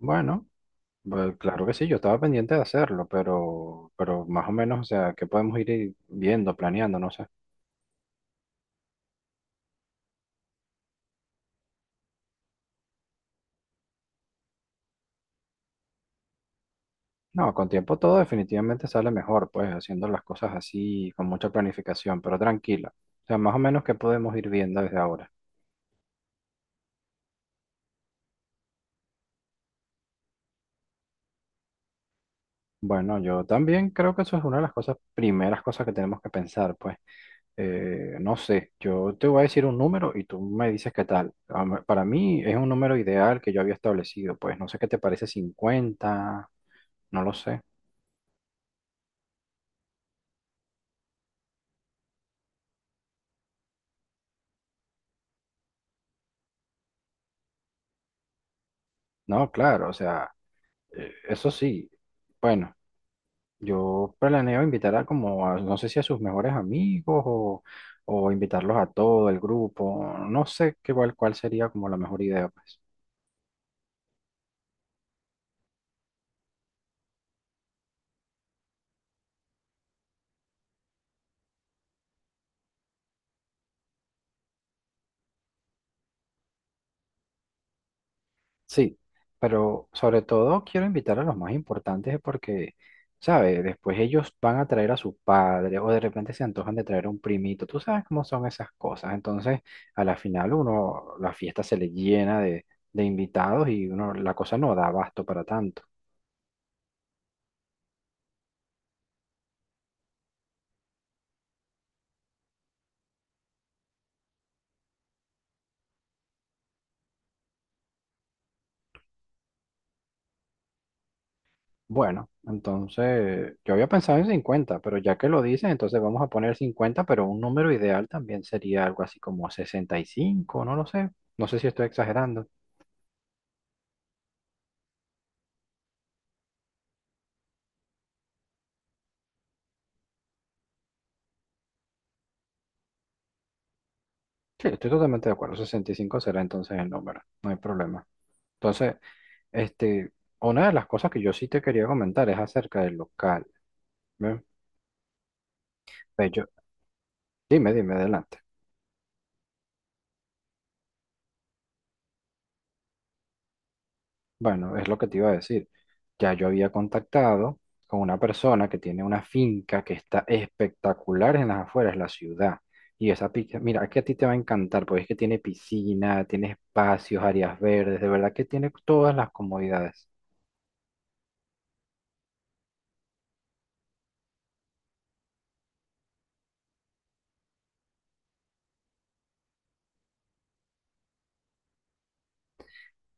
Bueno, pues claro que sí, yo estaba pendiente de hacerlo, pero más o menos, o sea, que podemos ir viendo, planeando, no sé. No, con tiempo todo definitivamente sale mejor, pues haciendo las cosas así, con mucha planificación, pero tranquila. O sea, más o menos que podemos ir viendo desde ahora. Bueno, yo también creo que eso es una de las cosas, primeras cosas que tenemos que pensar, pues. No sé, yo te voy a decir un número y tú me dices qué tal. Para mí es un número ideal que yo había establecido, pues no sé qué te parece 50, no lo sé. No, claro, o sea, eso sí. Bueno, yo planeo invitar a como, no sé si a sus mejores amigos o invitarlos a todo el grupo. No sé qué, cuál sería como la mejor idea, pues. Sí, pero sobre todo quiero invitar a los más importantes porque, ¿sabes? Después ellos van a traer a su padre o de repente se antojan de traer a un primito. Tú sabes cómo son esas cosas. Entonces, a la final uno, la fiesta se le llena de invitados y uno, la cosa no da abasto para tanto. Bueno, entonces yo había pensado en 50, pero ya que lo dices, entonces vamos a poner 50, pero un número ideal también sería algo así como 65, no lo sé. No sé si estoy exagerando. Sí, estoy totalmente de acuerdo. 65 será entonces el número, no hay problema. Entonces, este, una de las cosas que yo sí te quería comentar es acerca del local. ¿Ve? Ve, dime, dime, adelante. Bueno, es lo que te iba a decir. Ya yo había contactado con una persona que tiene una finca que está espectacular en las afueras de la ciudad. Y esa finca, mira, es que a ti te va a encantar, porque es que tiene piscina, tiene espacios, áreas verdes, de verdad que tiene todas las comodidades.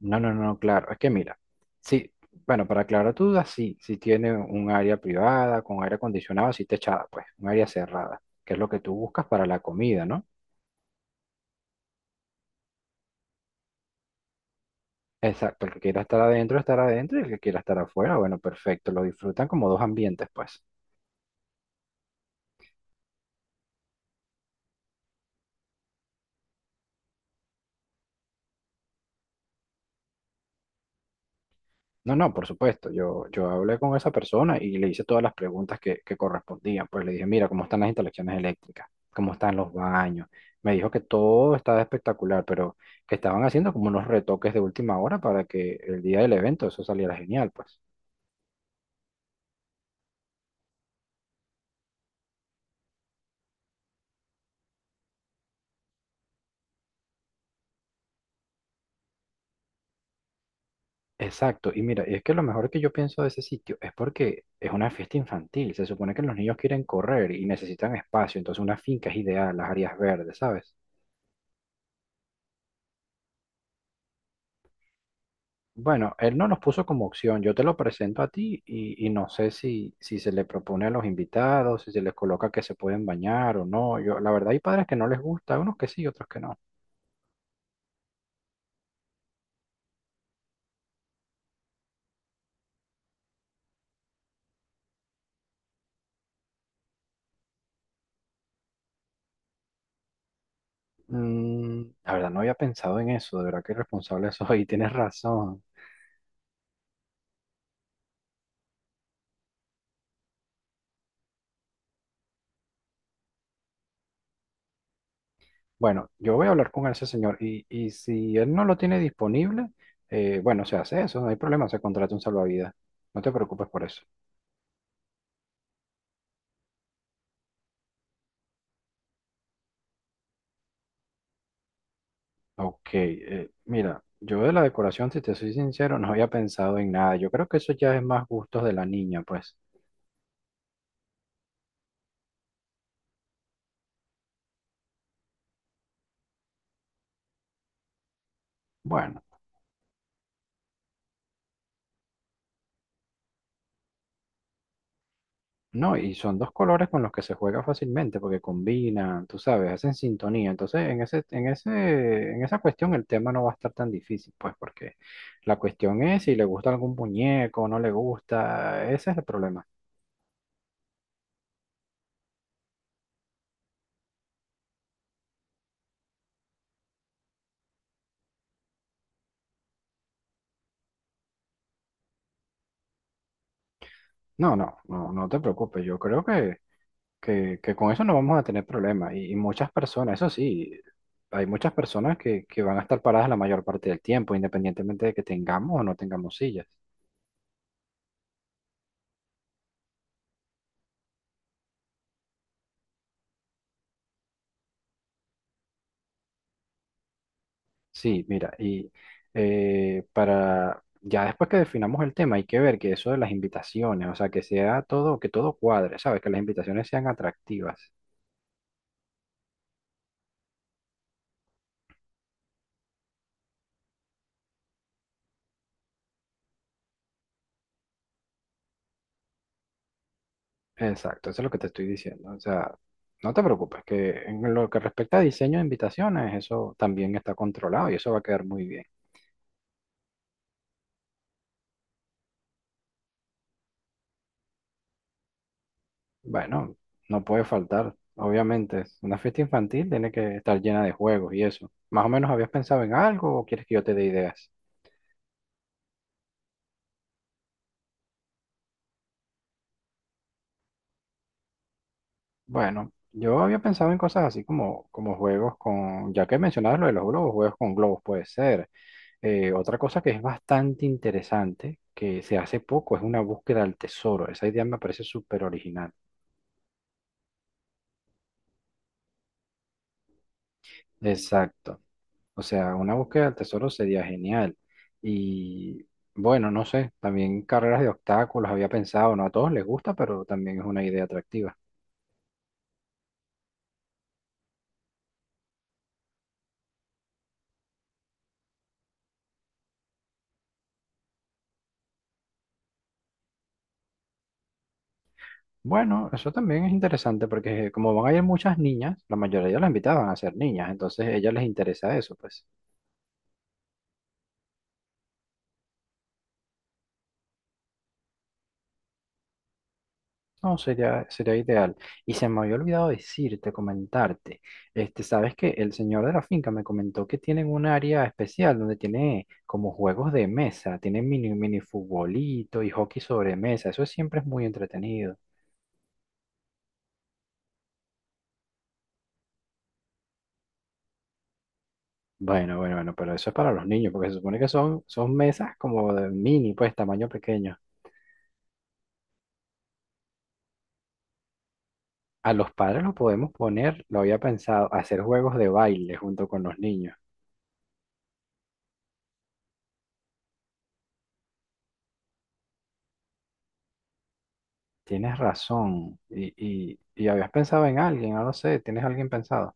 No, no, no, claro. Es que mira, sí, bueno, para aclarar tu duda, sí, sí tiene un área privada con aire acondicionado, sí techada, pues, un área cerrada, que es lo que tú buscas para la comida, ¿no? Exacto, el que quiera estar adentro, y el que quiera estar afuera, bueno, perfecto, lo disfrutan como dos ambientes, pues. No, no, por supuesto. Yo hablé con esa persona y le hice todas las preguntas que correspondían. Pues le dije, mira, ¿cómo están las instalaciones eléctricas? ¿Cómo están los baños? Me dijo que todo estaba espectacular, pero que estaban haciendo como unos retoques de última hora para que el día del evento eso saliera genial, pues. Exacto. Y mira, es que lo mejor que yo pienso de ese sitio es porque es una fiesta infantil. Se supone que los niños quieren correr y necesitan espacio, entonces una finca es ideal, las áreas verdes, ¿sabes? Bueno, él no nos puso como opción, yo te lo presento a ti y no sé si, si se le propone a los invitados, si se les coloca que se pueden bañar o no. Yo, la verdad hay padres que no les gusta, unos que sí, otros que no. Mm, la verdad no había pensado en eso, de verdad que irresponsable soy, tienes razón. Bueno, yo voy a hablar con ese señor y si él no lo tiene disponible, bueno, se hace eso, no hay problema, se contrata un salvavidas. No te preocupes por eso. Ok, mira, yo de la decoración, si te soy sincero, no había pensado en nada. Yo creo que eso ya es más gustos de la niña, pues. Bueno, no, y son dos colores con los que se juega fácilmente porque combinan, tú sabes, hacen sintonía. Entonces, en esa cuestión el tema no va a estar tan difícil, pues, porque la cuestión es si le gusta algún muñeco, no le gusta, ese es el problema. No, no, no, no te preocupes. Yo creo que que con eso no vamos a tener problemas. Y muchas personas, eso sí, hay muchas personas que van a estar paradas la mayor parte del tiempo, independientemente de que tengamos o no tengamos sillas. Sí, mira, y para ya después que definamos el tema, hay que ver que eso de las invitaciones, o sea, que sea todo, que todo cuadre, ¿sabes? Que las invitaciones sean atractivas. Exacto, eso es lo que te estoy diciendo. O sea, no te preocupes, que en lo que respecta a diseño de invitaciones, eso también está controlado y eso va a quedar muy bien. Bueno, no puede faltar, obviamente. Una fiesta infantil tiene que estar llena de juegos y eso. ¿Más o menos habías pensado en algo o quieres que yo te dé ideas? Bueno, yo había pensado en cosas así como, como juegos con, ya que mencionabas lo de los globos, juegos con globos puede ser. Otra cosa que es bastante interesante, que se hace poco, es una búsqueda al tesoro. Esa idea me parece súper original. Exacto. O sea, una búsqueda del tesoro sería genial. Y bueno, no sé, también carreras de obstáculos había pensado, no a todos les gusta, pero también es una idea atractiva. Bueno, eso también es interesante porque como van a ir muchas niñas, la mayoría las invitaban a ser niñas, entonces a ellas les interesa eso, pues. No, sería ideal. Y se me había olvidado decirte, comentarte. Este, sabes que el señor de la finca me comentó que tienen un área especial donde tiene como juegos de mesa, tiene mini futbolito y hockey sobre mesa. Eso siempre es muy entretenido. Bueno, bueno, bueno, pero eso es para los niños, porque se supone que son mesas como de mini, pues tamaño pequeño. A los padres los podemos poner, lo había pensado, hacer juegos de baile junto con los niños. Tienes razón. Y habías pensado en alguien, no lo sé, ¿tienes alguien pensado?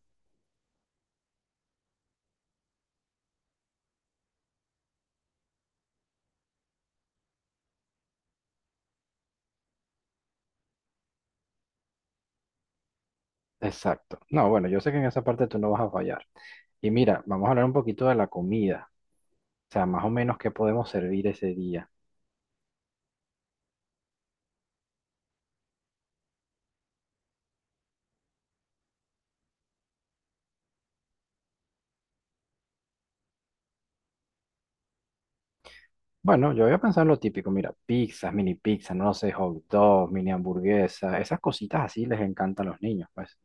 Exacto. No, bueno, yo sé que en esa parte tú no vas a fallar. Y mira, vamos a hablar un poquito de la comida. O sea, más o menos qué podemos servir ese día. Bueno, yo había pensado en lo típico, mira, pizzas, mini pizzas, no lo sé, hot dogs, mini hamburguesas, esas cositas así les encantan a los niños, pues.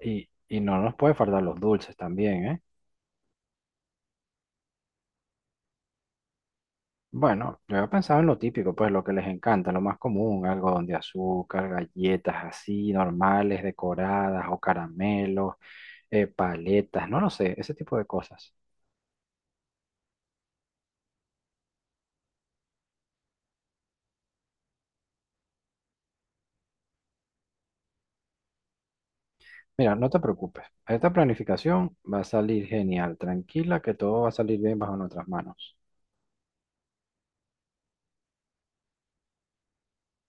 Y no nos puede faltar los dulces también, ¿eh? Bueno, yo había pensado en lo típico, pues lo que les encanta, lo más común, algodón de azúcar, galletas así, normales, decoradas o caramelos, paletas, no lo sé, ese tipo de cosas. Mira, no te preocupes, esta planificación va a salir genial, tranquila, que todo va a salir bien bajo nuestras manos.